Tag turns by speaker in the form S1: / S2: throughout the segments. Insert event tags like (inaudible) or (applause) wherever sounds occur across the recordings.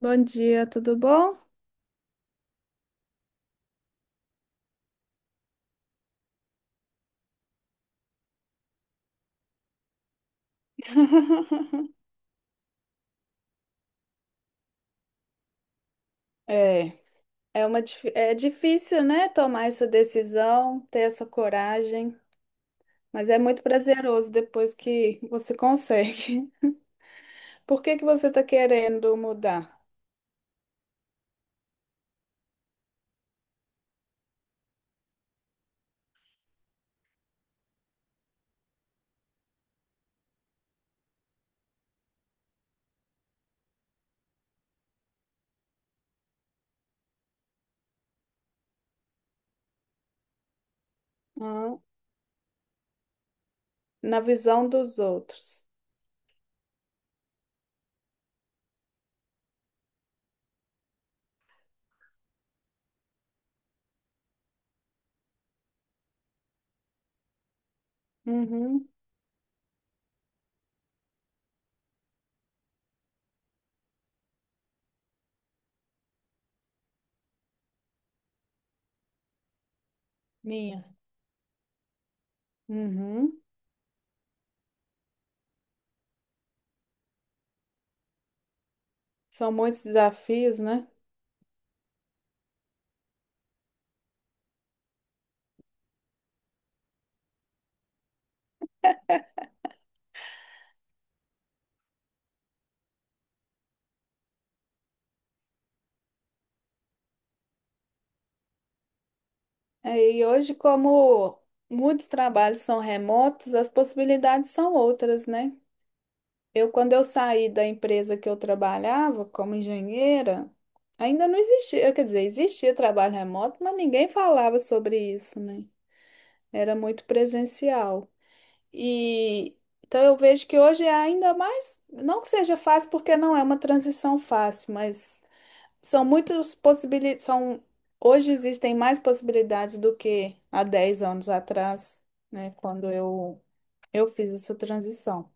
S1: Bom dia, tudo bom? (laughs) É, é difícil, né, tomar essa decisão, ter essa coragem, mas é muito prazeroso depois que você consegue. (laughs) Por que que você está querendo mudar? Ah. Na visão dos outros. Uhum. Minha. Uhum. São muitos desafios, né? É, e hoje, como muitos trabalhos são remotos, as possibilidades são outras, né? Quando eu saí da empresa que eu trabalhava como engenheira, ainda não existia, quer dizer, existia trabalho remoto, mas ninguém falava sobre isso, né? Era muito presencial. E então eu vejo que hoje é ainda mais, não que seja fácil, porque não é uma transição fácil, mas são muitas possibilidades, são hoje existem mais possibilidades do que há 10 anos atrás, né? Quando eu fiz essa transição.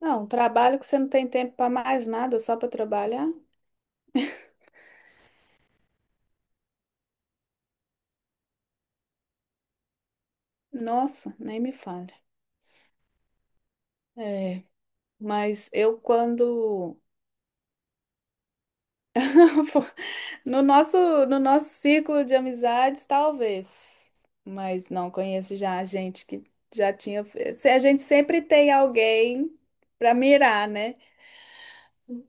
S1: Não, um trabalho que você não tem tempo para mais nada, só para trabalhar. Nossa, nem me fale. É, mas eu quando... (laughs) No nosso, no nosso círculo de amizades, talvez. Mas não conheço já a gente que já tinha. Se a gente sempre tem alguém para mirar, né?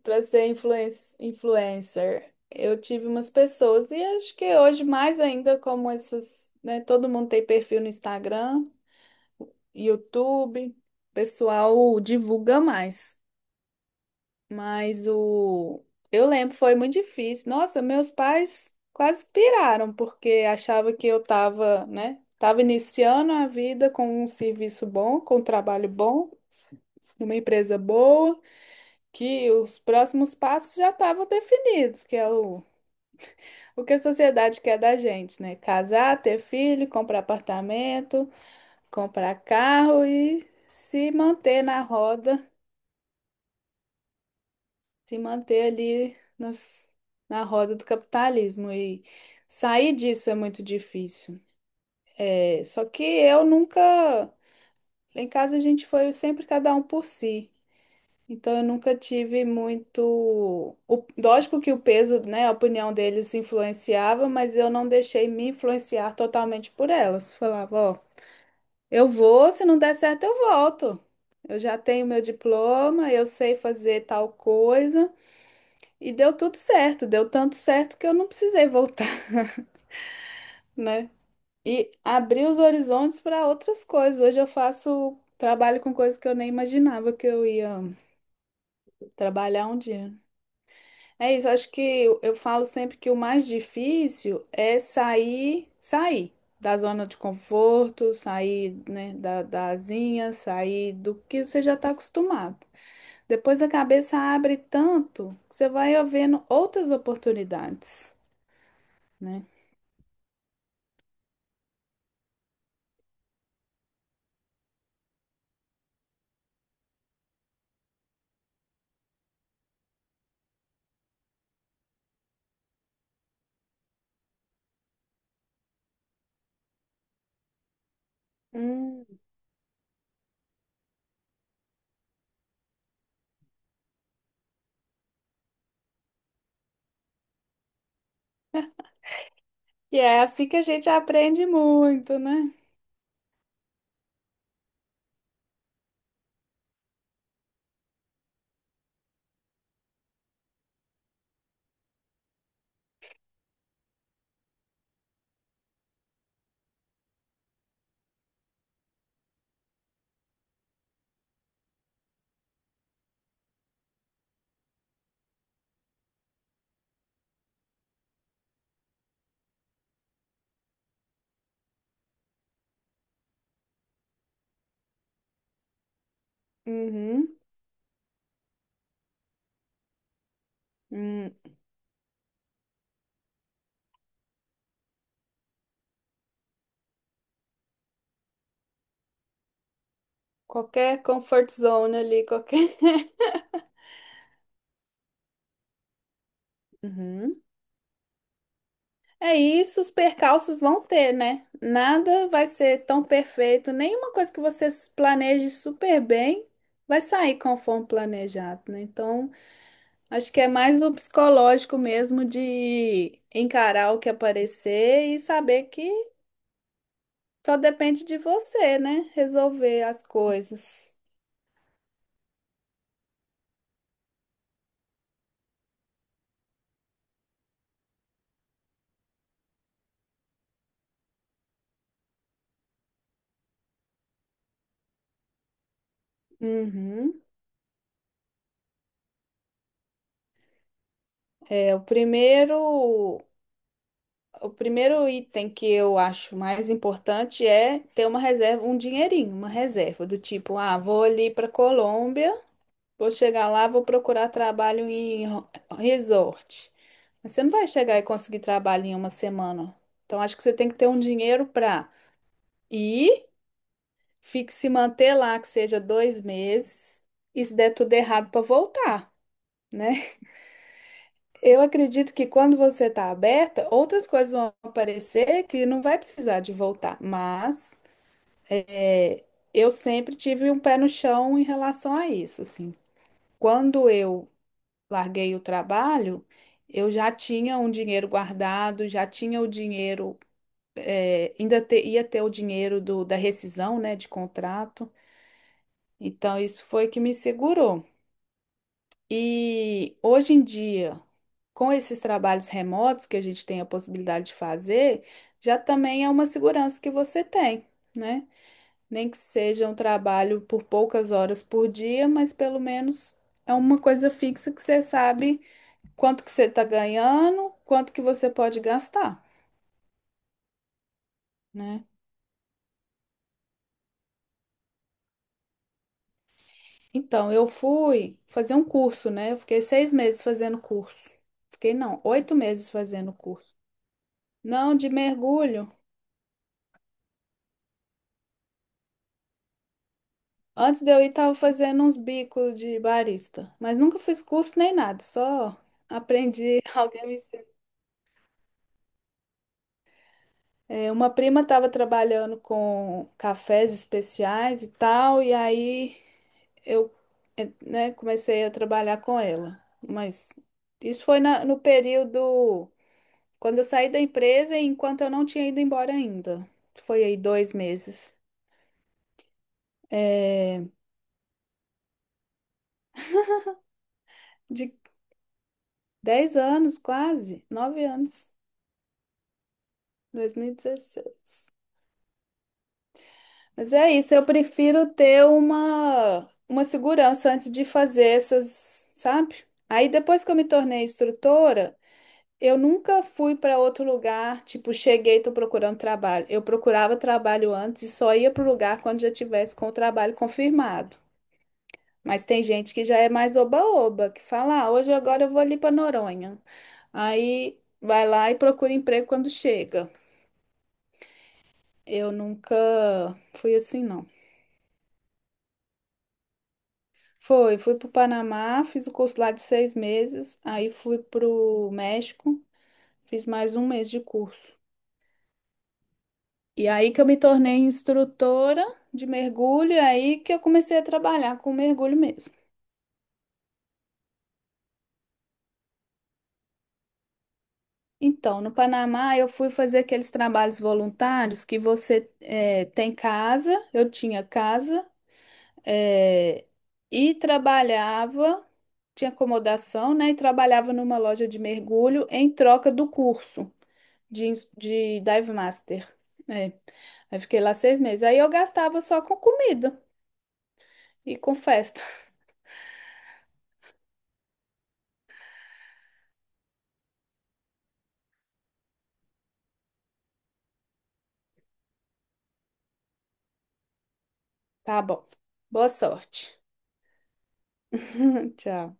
S1: Para ser influencer. Eu tive umas pessoas e acho que hoje mais ainda como essas, né? Todo mundo tem perfil no Instagram, YouTube, o pessoal divulga mais. Mas o... Eu lembro, foi muito difícil. Nossa, meus pais quase piraram, porque achavam que eu tava, né? Tava iniciando a vida com um serviço bom, com um trabalho bom, numa empresa boa, que os próximos passos já estavam definidos, que é o que a sociedade quer da gente, né? Casar, ter filho, comprar apartamento, comprar carro e se manter na roda, se manter ali nas, na roda do capitalismo. E sair disso é muito difícil. É, só que eu nunca... Lá em casa a gente foi sempre cada um por si. Então eu nunca tive muito. O, lógico que o peso, né, a opinião deles influenciava, mas eu não deixei me influenciar totalmente por elas. Falava, ó, eu vou, se não der certo, eu volto. Eu já tenho meu diploma, eu sei fazer tal coisa. E deu tudo certo, deu tanto certo que eu não precisei voltar, (laughs) né? E abri os horizontes para outras coisas. Hoje eu faço trabalho com coisas que eu nem imaginava que eu ia trabalhar um dia. É isso, acho que eu falo sempre que o mais difícil é sair, sair da zona de conforto, sair, né, da asinha, sair do que você já está acostumado. Depois a cabeça abre tanto que você vai vendo outras oportunidades, né? Hum. E é assim que a gente aprende muito, né? Uhum. Hum. Qualquer comfort zone ali, qualquer. (laughs) Uhum. É isso, os percalços vão ter, né? Nada vai ser tão perfeito, nenhuma coisa que você planeje super bem vai sair conforme planejado, né? Então, acho que é mais o psicológico mesmo de encarar o que aparecer e saber que só depende de você, né? Resolver as coisas. Uhum. É o primeiro item que eu acho mais importante é ter uma reserva, um dinheirinho, uma reserva do tipo, ah, vou ali para Colômbia, vou chegar lá, vou procurar trabalho em resort. Mas você não vai chegar e conseguir trabalho em uma semana. Então acho que você tem que ter um dinheiro para ir, fique se manter lá que seja 2 meses e se der tudo errado para voltar, né? Eu acredito que quando você está aberta, outras coisas vão aparecer que não vai precisar de voltar. Mas é, eu sempre tive um pé no chão em relação a isso, assim. Quando eu larguei o trabalho, eu já tinha um dinheiro guardado, já tinha o dinheiro, ia ter o dinheiro da rescisão, né, de contrato. Então isso foi que me segurou. E hoje em dia com esses trabalhos remotos que a gente tem a possibilidade de fazer, já também é uma segurança que você tem, né? Nem que seja um trabalho por poucas horas por dia, mas pelo menos é uma coisa fixa que você sabe quanto que você está ganhando, quanto que você pode gastar, né? Então, eu fui fazer um curso, né? Eu fiquei 6 meses fazendo curso. Fiquei, não, 8 meses fazendo curso. Não, de mergulho. Antes de eu ir, tava fazendo uns bicos de barista, mas nunca fiz curso nem nada, só aprendi. (laughs) Alguém me ensinou. É, uma prima estava trabalhando com cafés especiais e tal, e aí eu, é, né, comecei a trabalhar com ela. Mas isso foi no período quando eu saí da empresa e enquanto eu não tinha ido embora ainda. Foi aí 2 meses. É, de 10 anos, quase, 9 anos, 2016. Mas é isso, eu prefiro ter uma segurança antes de fazer essas, sabe? Aí depois que eu me tornei instrutora, eu nunca fui para outro lugar, tipo, cheguei e tô procurando trabalho. Eu procurava trabalho antes e só ia pro lugar quando já tivesse com o trabalho confirmado. Mas tem gente que já é mais oba-oba, que fala, ah, hoje agora eu vou ali para Noronha. Aí vai lá e procura emprego quando chega. Eu nunca fui assim, não. Foi, fui para o Panamá, fiz o curso lá de 6 meses, aí fui para o México, fiz mais 1 mês de curso. E aí que eu me tornei instrutora de mergulho, e aí que eu comecei a trabalhar com mergulho mesmo. Então, no Panamá, eu fui fazer aqueles trabalhos voluntários que você tem casa, eu tinha casa, eh, e trabalhava, tinha acomodação, né? E trabalhava numa loja de mergulho em troca do curso. De Dive Master. É. Aí fiquei lá 6 meses. Aí eu gastava só com comida e com festa. Tá bom. Boa sorte. (laughs) Tchau.